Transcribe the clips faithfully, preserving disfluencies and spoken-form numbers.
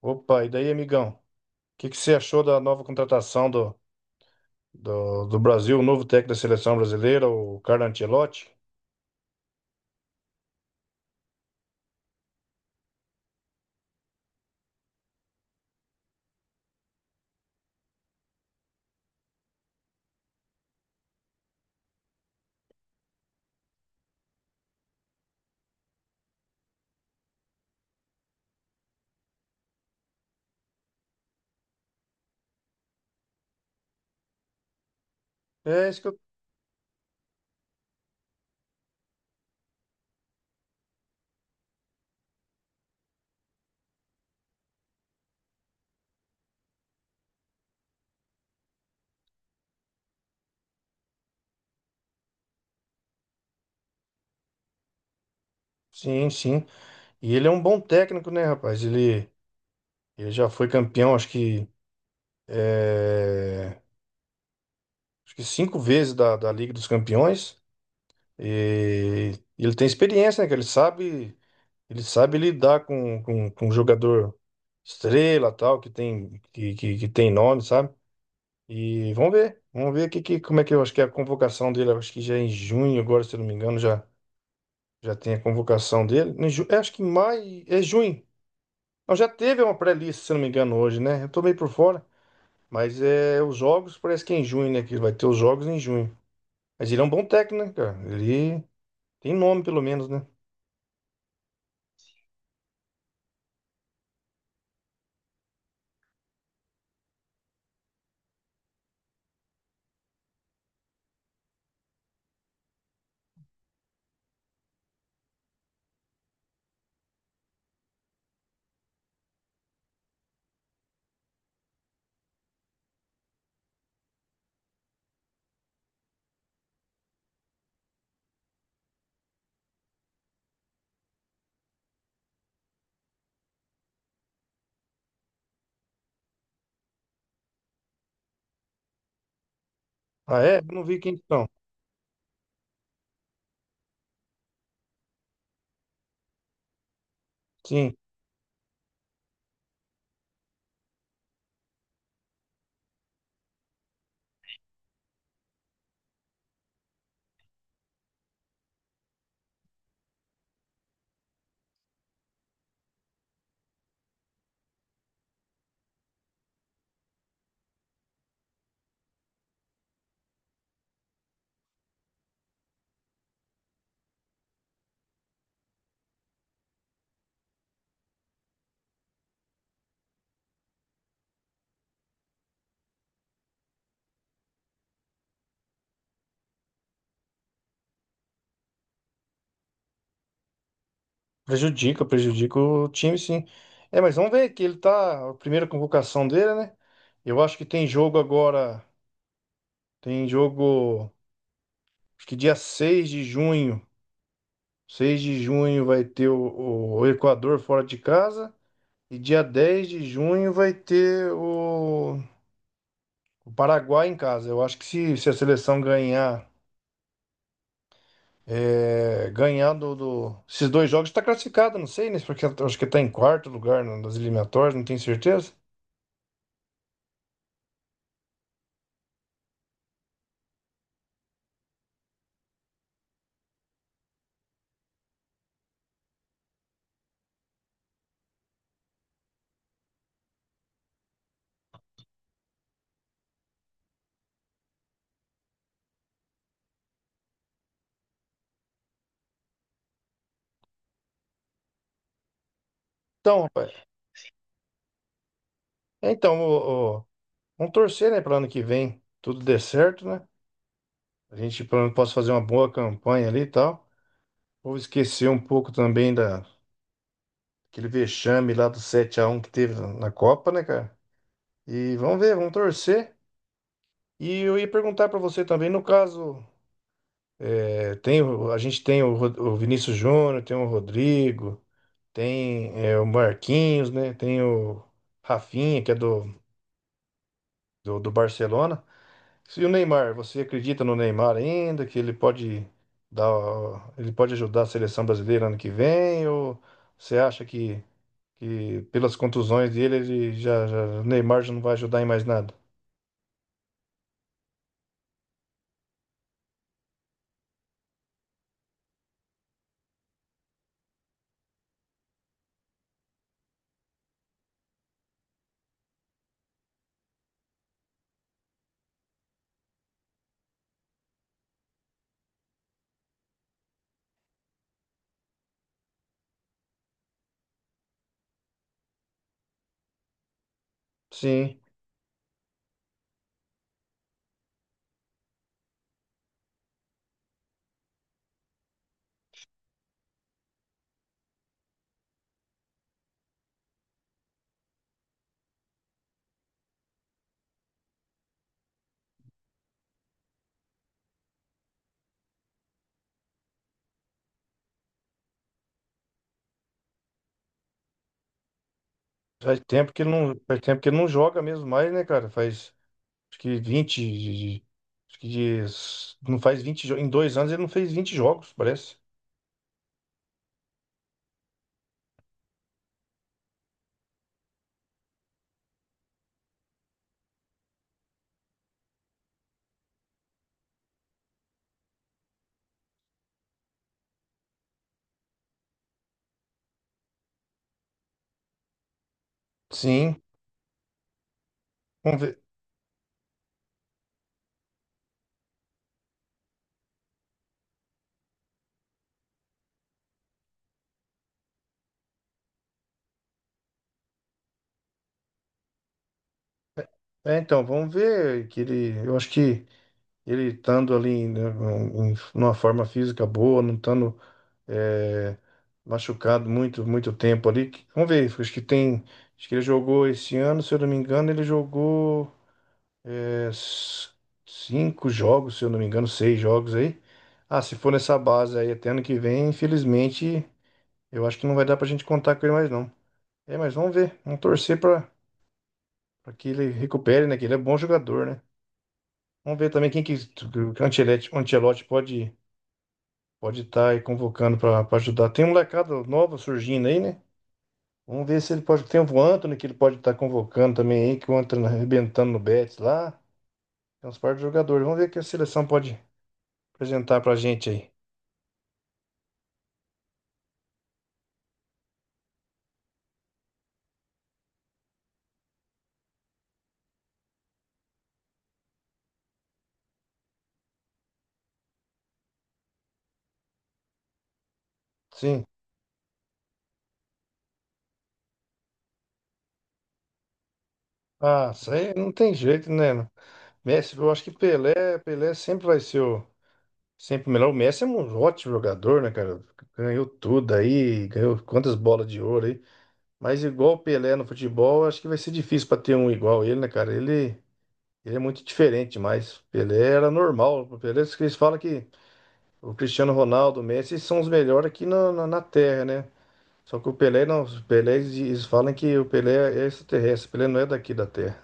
Opa, e daí, amigão? O que que você achou da nova contratação do, do, do Brasil, o novo técnico da seleção brasileira, o Carlo Ancelotti? É isso que eu... Sim, sim. E ele é um bom técnico, né, rapaz? Ele, ele já foi campeão, acho que, é, acho que cinco vezes da, da Liga dos Campeões. E ele tem experiência, né? Que ele sabe, ele sabe lidar com, com, com jogador estrela, tal, que tem, que, que, que tem nome, sabe? E vamos ver, vamos ver que, que, como é que eu acho que é a convocação dele. Eu acho que já é em junho, agora, se eu não me engano, já, já tem a convocação dele. Em ju- é, acho que em maio, é junho. Não, já teve uma pré-lista, se eu não me engano, hoje, né? Eu tô meio por fora, mas é os jogos, parece que é em junho, né? Que vai ter os jogos em junho. Mas ele é um bom técnico, né, cara? Ele tem nome, pelo menos, né? Ah, é? Eu não vi quem não. Sim, prejudica, prejudica o time, sim. É, mas vamos ver que ele tá, a primeira convocação dele, né? Eu acho que tem jogo agora. Tem jogo, acho que dia seis de junho. Seis de junho vai ter o, o Equador fora de casa. E dia dez de junho vai ter o, o Paraguai em casa. Eu acho que se, se a seleção ganhar, é, ganhar do, do- esses dois jogos, está classificada, não sei, né? Porque eu acho que está em quarto lugar no- nas eliminatórias, não tenho certeza. Então, rapaz, é, então, o, o- vamos torcer, né, para ano que vem tudo dê certo, né? A gente, pelo menos, possa fazer uma boa campanha ali e tal. Vou esquecer um pouco também da aquele vexame lá do sete a um que teve na na Copa, né, cara? E vamos ver, vamos torcer. E eu ia perguntar pra você também, no caso, é, tem, o- a gente tem o, Ro- o Vinícius Júnior, tem o Rodrigo, tem é, o Marquinhos, né? Tem o Rafinha, que é do, do, do Barcelona. E o Neymar, você acredita no Neymar ainda, que ele pode dar, ele pode ajudar a seleção brasileira ano que vem? Ou você acha que que pelas contusões dele, ele já, já, o Neymar já não vai ajudar em mais nada. Sim, faz tempo que ele não, faz tempo que ele não joga mesmo mais, né, cara? Faz acho que vinte, de- acho que de- não faz vinte jo- Em dois anos ele não fez vinte jogos, parece. Sim, vamos ver. É, então, vamos ver que ele, eu acho que ele estando ali né, em, numa forma física boa, não estando é, machucado muito, muito tempo ali. Vamos ver, acho que tem. Acho que ele jogou esse ano, se eu não me engano, ele jogou é, s- cinco jogos, se eu não me engano, seis jogos aí. Ah, se for nessa base aí até ano que vem, infelizmente, eu acho que não vai dar pra gente contar com ele mais não. É, mas vamos ver, vamos torcer pra, pra que ele recupere, né? Que ele é bom jogador, né? Vamos ver também quem que o Ancelotti, o Ancelotti pode pode estar aí convocando pra pra ajudar. Tem um molecada nova surgindo aí, né? Vamos ver se ele pode. Tem o Antony que ele pode estar convocando também aí, que o Antony arrebentando no Betis lá. Tem uns par de jogadores. Vamos ver o que a seleção pode apresentar pra gente aí. Sim. Ah, isso aí não tem jeito, né? Messi, eu acho que Pelé, Pelé sempre vai ser o. Sempre o melhor. O Messi é um ótimo jogador, né, cara? Ganhou tudo aí, ganhou quantas bolas de ouro aí. Mas igual o Pelé no futebol, acho que vai ser difícil pra ter um igual ele, né, cara? Ele, ele é muito diferente, mas Pelé era normal. O Pelé, eles falam que. O Cristiano Ronaldo, o Messi são os melhores aqui na, na, na Terra, né? Só que o Pelé não. O Pelé, eles eles falam que o Pelé é extraterrestre. O Pelé não é daqui da Terra.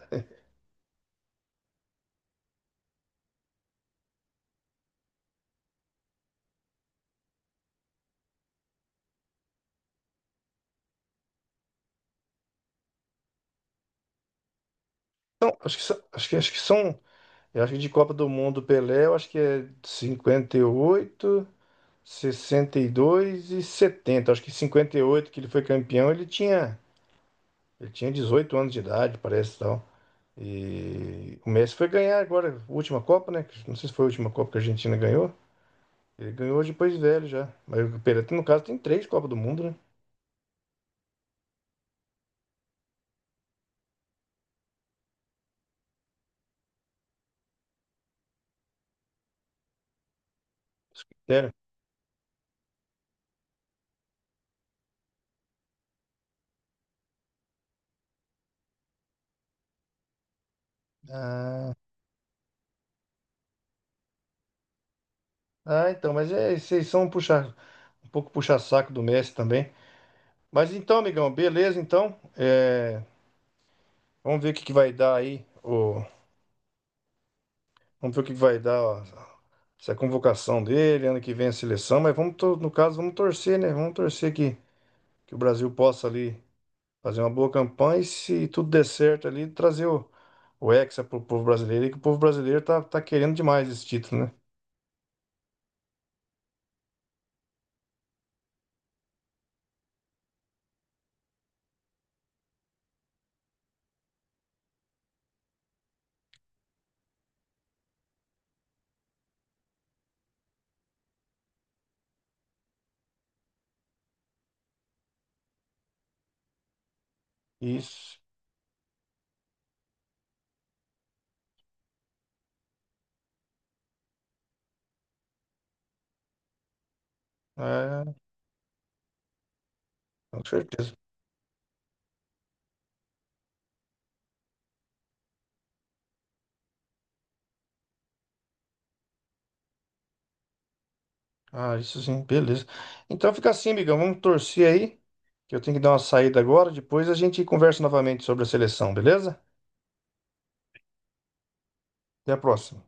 Então, acho que, são- acho que, acho que são. Eu acho que de Copa do Mundo, o Pelé, eu acho que é cinquenta e oito, sessenta e dois e setenta. Acho que cinquenta e oito que ele foi campeão, ele tinha, ele tinha dezoito anos de idade, parece tal. E o Messi foi ganhar agora, a última Copa, né? Não sei se foi a última Copa que a Argentina ganhou. Ele ganhou depois de velho já. Mas o Pereira, no caso, tem três Copas do Mundo, né? Isso que Sério. Ah, então, mas é, vocês são um puxar, um pouco puxar-saco do Messi também. Mas então, amigão, beleza, então. É, vamos ver o que, que vai dar aí. O, vamos ver o que, que vai dar ó, essa convocação dele, ano que vem a seleção. Mas vamos, to- no caso, vamos torcer, né? Vamos torcer que, que o Brasil possa ali fazer uma boa campanha e, se tudo der certo ali, trazer o, o Hexa pro povo brasileiro, e que o povo brasileiro tá, tá querendo demais esse título, né? Isso. É, com certeza. Ah, isso sim, beleza. Então fica assim, amigão. Vamos torcer aí, que eu tenho que dar uma saída agora. Depois a gente conversa novamente sobre a seleção, beleza? Até a próxima.